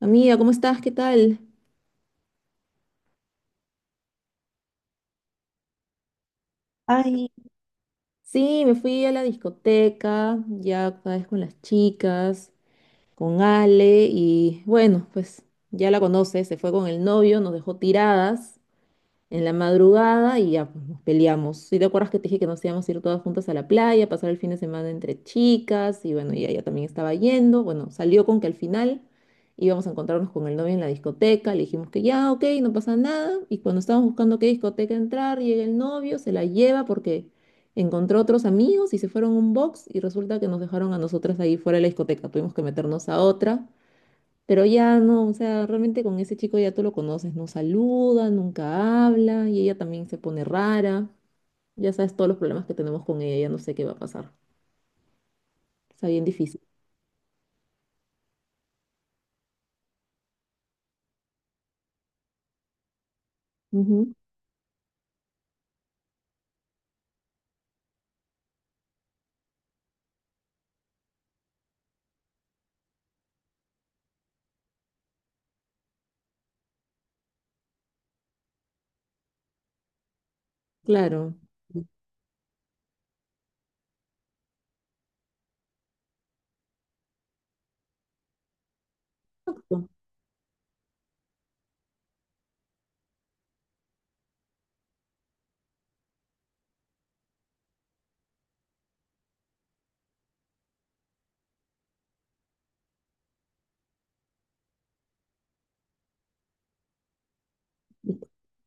Amiga, ¿cómo estás? ¿Qué tal? Ay, sí, me fui a la discoteca, ya otra vez con las chicas, con Ale y bueno, pues ya la conoces, se fue con el novio, nos dejó tiradas en la madrugada y ya pues, nos peleamos. Si te acuerdas que te dije que nos íbamos a ir todas juntas a la playa, pasar el fin de semana entre chicas y bueno, y ella también estaba yendo. Bueno, salió con que al final íbamos a encontrarnos con el novio en la discoteca, le dijimos que ya, ok, no pasa nada. Y cuando estábamos buscando qué discoteca entrar, llega el novio, se la lleva porque encontró otros amigos y se fueron a un box y resulta que nos dejaron a nosotras ahí fuera de la discoteca. Tuvimos que meternos a otra. Pero ya no, o sea, realmente con ese chico ya tú lo conoces, no saluda, nunca habla y ella también se pone rara. Ya sabes todos los problemas que tenemos con ella, ya no sé qué va a pasar. Está bien difícil. Ujú. Claro. Exacto,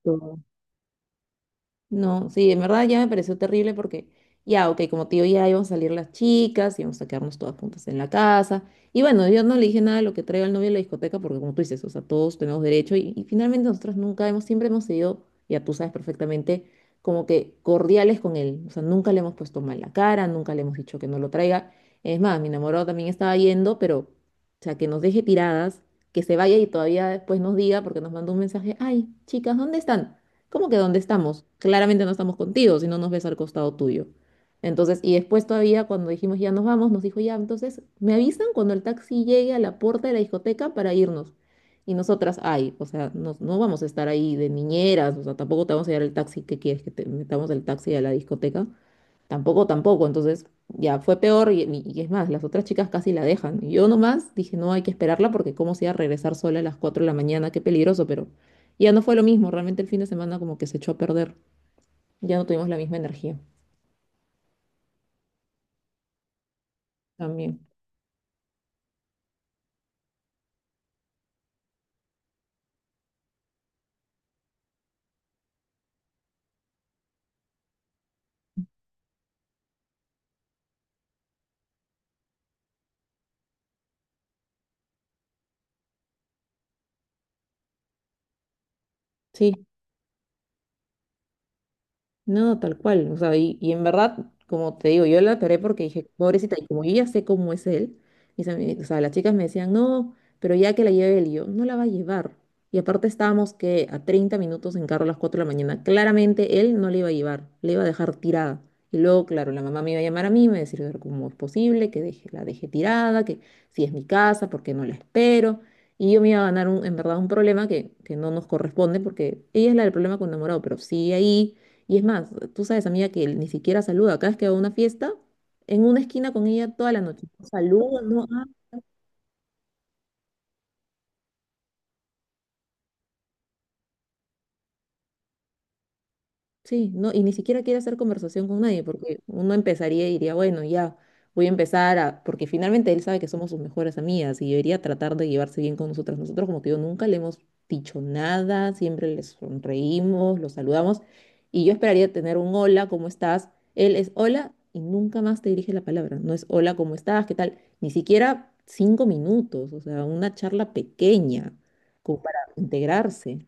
exacto. No, sí, en verdad ya me pareció terrible porque ya, ok, como tío ya íbamos a salir las chicas, íbamos a quedarnos todas juntas en la casa. Y bueno, yo no le dije nada de lo que traiga el novio a la discoteca porque como tú dices, o sea, todos tenemos derecho y finalmente nosotros nunca hemos, siempre hemos sido, ya tú sabes perfectamente, como que cordiales con él. O sea, nunca le hemos puesto mal la cara, nunca le hemos dicho que no lo traiga. Es más, mi enamorado también estaba yendo, pero, o sea, que nos deje tiradas, que se vaya y todavía después nos diga porque nos mandó un mensaje, ay, chicas, ¿dónde están? ¿Cómo que dónde estamos? Claramente no estamos contigo, si no nos ves al costado tuyo. Entonces, y después todavía cuando dijimos ya nos vamos, nos dijo ya, entonces me avisan cuando el taxi llegue a la puerta de la discoteca para irnos. Y nosotras, ay, o sea, no, no vamos a estar ahí de niñeras, o sea, tampoco te vamos a llevar el taxi que quieres que te metamos el taxi a la discoteca. Tampoco, tampoco. Entonces ya fue peor y es más, las otras chicas casi la dejan. Y yo nomás dije, no, hay que esperarla porque cómo se iba a regresar sola a las 4 de la mañana, qué peligroso, pero ya no fue lo mismo. Realmente el fin de semana como que se echó a perder. Ya no tuvimos la misma energía también. Sí. No, tal cual. O sea, y en verdad, como te digo, yo la paré porque dije, pobrecita, y como yo ya sé cómo es él, o sea, las chicas me decían, no, pero ya que la lleve él, y yo, no la va a llevar. Y aparte estábamos que a 30 minutos en carro a las 4 de la mañana. Claramente él no le iba a llevar, le iba a dejar tirada. Y luego, claro, la mamá me iba a llamar a mí, me iba a decir, "Pero ¿cómo es posible que deje, la deje tirada? Que si es mi casa, ¿por qué no la espero? Y yo me iba a ganar en verdad un problema que no nos corresponde porque ella es la del problema con enamorado, pero sigue ahí y es más, tú sabes, amiga, que él ni siquiera saluda. Cada vez que va a una fiesta, en una esquina con ella toda la noche. No saluda, no. Sí, no, y ni siquiera quiere hacer conversación con nadie, porque uno empezaría y diría, bueno, ya voy a empezar a, porque finalmente él sabe que somos sus mejores amigas y debería tratar de llevarse bien con nosotras. Nosotros, como te digo, nunca le hemos dicho nada, siempre le sonreímos, lo saludamos, y yo esperaría tener un hola, ¿cómo estás? Él es hola y nunca más te dirige la palabra, no es hola, ¿cómo estás? ¿Qué tal? Ni siquiera cinco minutos, o sea, una charla pequeña, como para integrarse.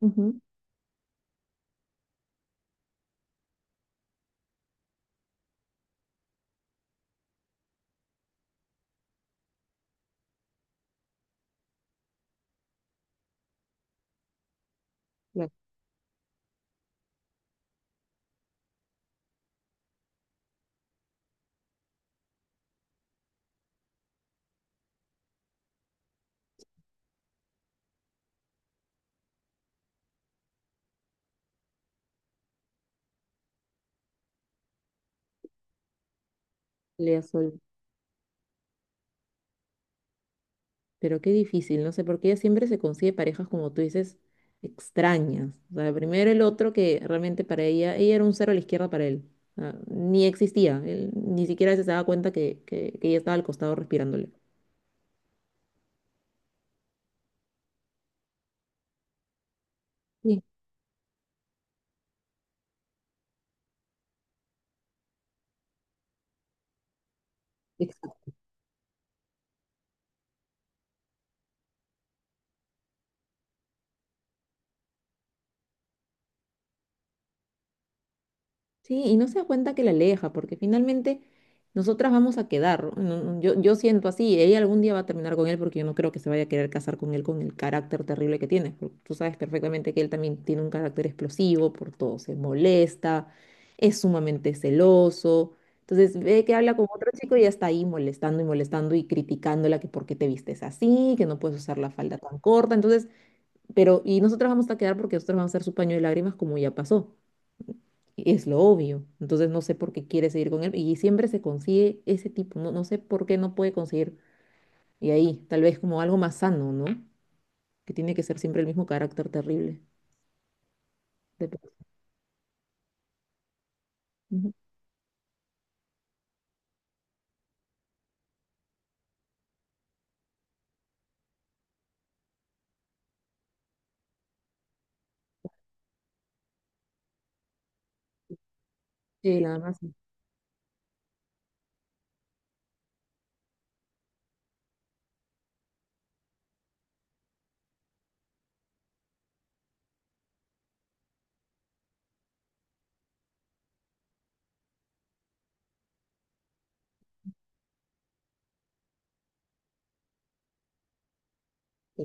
Ujú. La- le Pero qué difícil, no sé, porque ella siempre se consigue parejas, como tú dices, extrañas. O sea, primero el otro que realmente para ella, ella era un cero a la izquierda para él. O sea, ni existía, él ni siquiera se daba cuenta que ella estaba al costado respirándole. Sí, exacto. Sí, y no se da cuenta que la aleja, porque finalmente nosotras vamos a quedar. No, no, yo siento así, ella algún día va a terminar con él porque yo no creo que se vaya a querer casar con él con el carácter terrible que tiene. Porque tú sabes perfectamente que él también tiene un carácter explosivo, por todo se molesta, es sumamente celoso. Entonces ve que habla con otro chico y ya está ahí molestando y molestando y criticándola que por qué te vistes así, que no puedes usar la falda tan corta. Entonces pero, y nosotros vamos a quedar porque nosotros vamos a ser su paño de lágrimas como ya pasó. Es lo obvio. Entonces no sé por qué quiere seguir con él. Y siempre se consigue ese tipo. No, no sé por qué no puede conseguir. Y ahí, tal vez como algo más sano, ¿no? Que tiene que ser siempre el mismo carácter terrible. De. Ujú. Sí, nada más. Sí.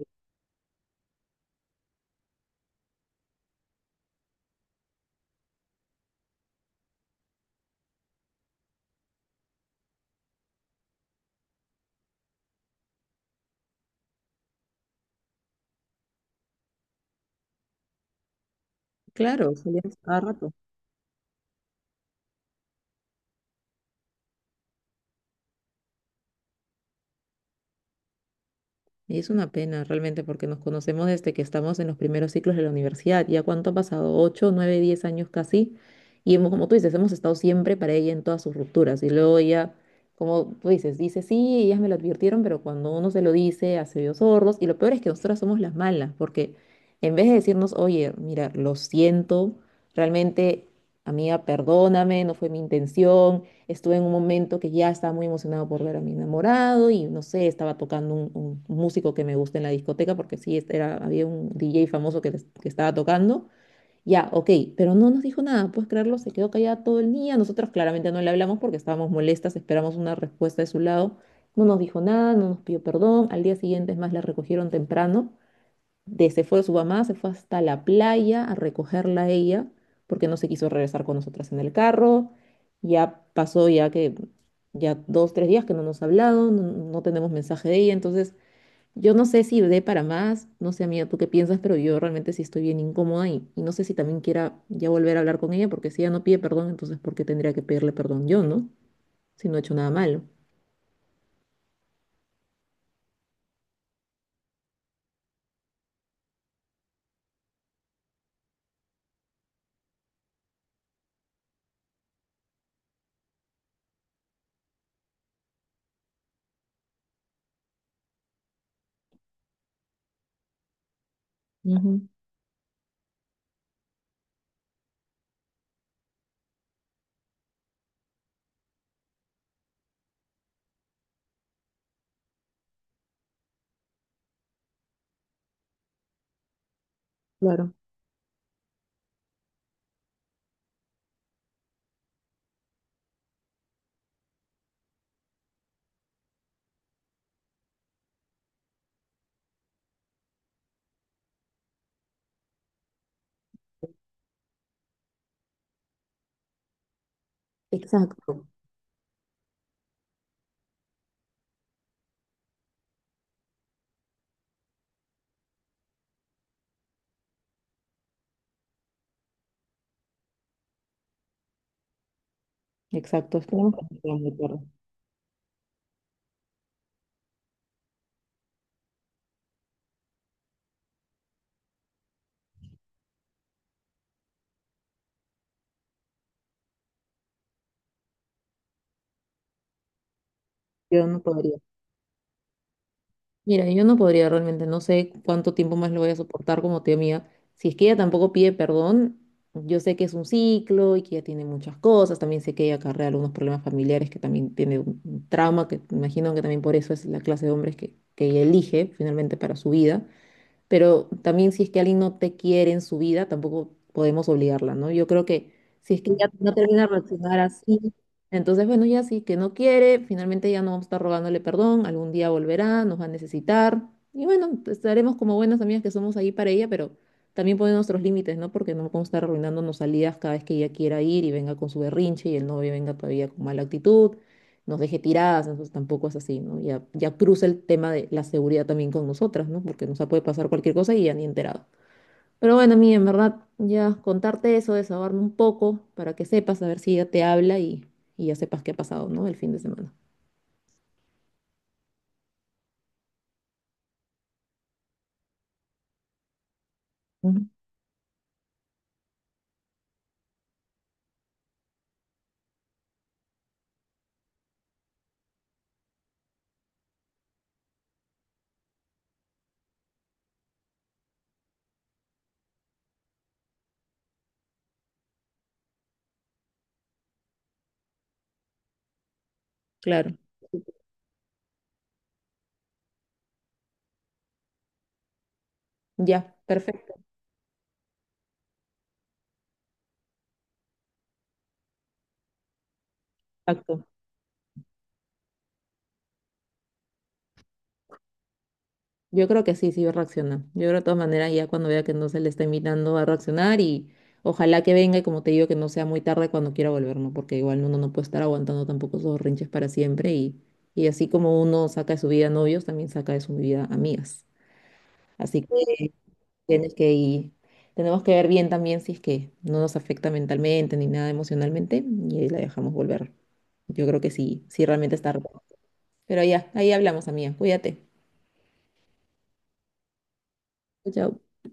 Claro, salían cada rato. Y es una pena realmente porque nos conocemos desde que estamos en los primeros ciclos de la universidad. ¿Ya cuánto ha pasado? ¿Ocho, nueve, diez años casi? Y hemos, como tú dices, hemos estado siempre para ella en todas sus rupturas. Y luego ella, como tú dices, dice, sí, ellas me lo advirtieron, pero cuando uno se lo dice, hace oídos sordos. Y lo peor es que nosotras somos las malas, porque en vez de decirnos, oye, mira, lo siento, realmente, amiga, perdóname, no fue mi intención. Estuve en un momento que ya estaba muy emocionado por ver a mi enamorado y no sé, estaba tocando un músico que me gusta en la discoteca porque sí, este era, había un DJ famoso que, que estaba tocando. Ya, ok, pero no nos dijo nada, puedes creerlo, se quedó callada todo el día. Nosotros claramente no le hablamos porque estábamos molestas, esperamos una respuesta de su lado. No nos dijo nada, no nos pidió perdón. Al día siguiente, es más, la recogieron temprano se fue de su mamá, se fue hasta la playa a recogerla a ella, porque no se quiso regresar con nosotras en el carro. Ya pasó ya que ya dos, tres días que no nos ha hablado, no, no tenemos mensaje de ella, entonces yo no sé si dé para más, no sé amiga, tú qué piensas, pero yo realmente sí estoy bien incómoda y no sé si también quiera ya volver a hablar con ella, porque si ella no pide perdón, entonces ¿por qué tendría que pedirle perdón yo, no? Si no he hecho nada malo. Ujú, claro, exacto, exacto, es que no me parece muy claro. Yo no podría. Mira, yo no podría realmente, no sé cuánto tiempo más lo voy a soportar como tía mía. Si es que ella tampoco pide perdón, yo sé que es un ciclo y que ella tiene muchas cosas, también sé que ella acarrea algunos problemas familiares, que también tiene un trauma, que imagino que también por eso es la clase de hombres que ella elige finalmente para su vida, pero también si es que alguien no te quiere en su vida, tampoco podemos obligarla, ¿no? Yo creo que si es que ya no termina de reaccionar así, entonces, bueno, ya sí, que no quiere, finalmente ya no vamos a estar rogándole perdón, algún día volverá, nos va a necesitar, y bueno, estaremos como buenas amigas que somos ahí para ella, pero también poner nuestros límites, ¿no? Porque no podemos estar arruinándonos salidas cada vez que ella quiera ir y venga con su berrinche y el novio venga todavía con mala actitud, nos deje tiradas, entonces tampoco es así, ¿no? Ya, ya cruza el tema de la seguridad también con nosotras, ¿no? Porque nos puede pasar cualquier cosa y ya ni enterado. Pero bueno, mí en verdad, ya contarte eso, desahogarme un poco para que sepas, a ver si ya te habla y ya sepas qué ha pasado, ¿no? El fin de semana. Ujú. Claro. Ya, perfecto. Exacto. Yo creo que sí, sí va a reaccionar. Yo creo de todas maneras ya cuando vea que no se le está invitando a reaccionar y ojalá que venga y como te digo que no sea muy tarde cuando quiera volver, ¿no? Porque igual uno no puede estar aguantando tampoco esos rinches para siempre y así como uno saca de su vida novios, también saca de su vida amigas. Así que tienes que ir- tenemos que ver bien también si es que no nos afecta mentalmente ni nada emocionalmente y ahí la dejamos volver. Yo creo que sí, sí realmente está. Bueno. Pero ya, ahí hablamos, amiga. Cuídate. Chao, chao.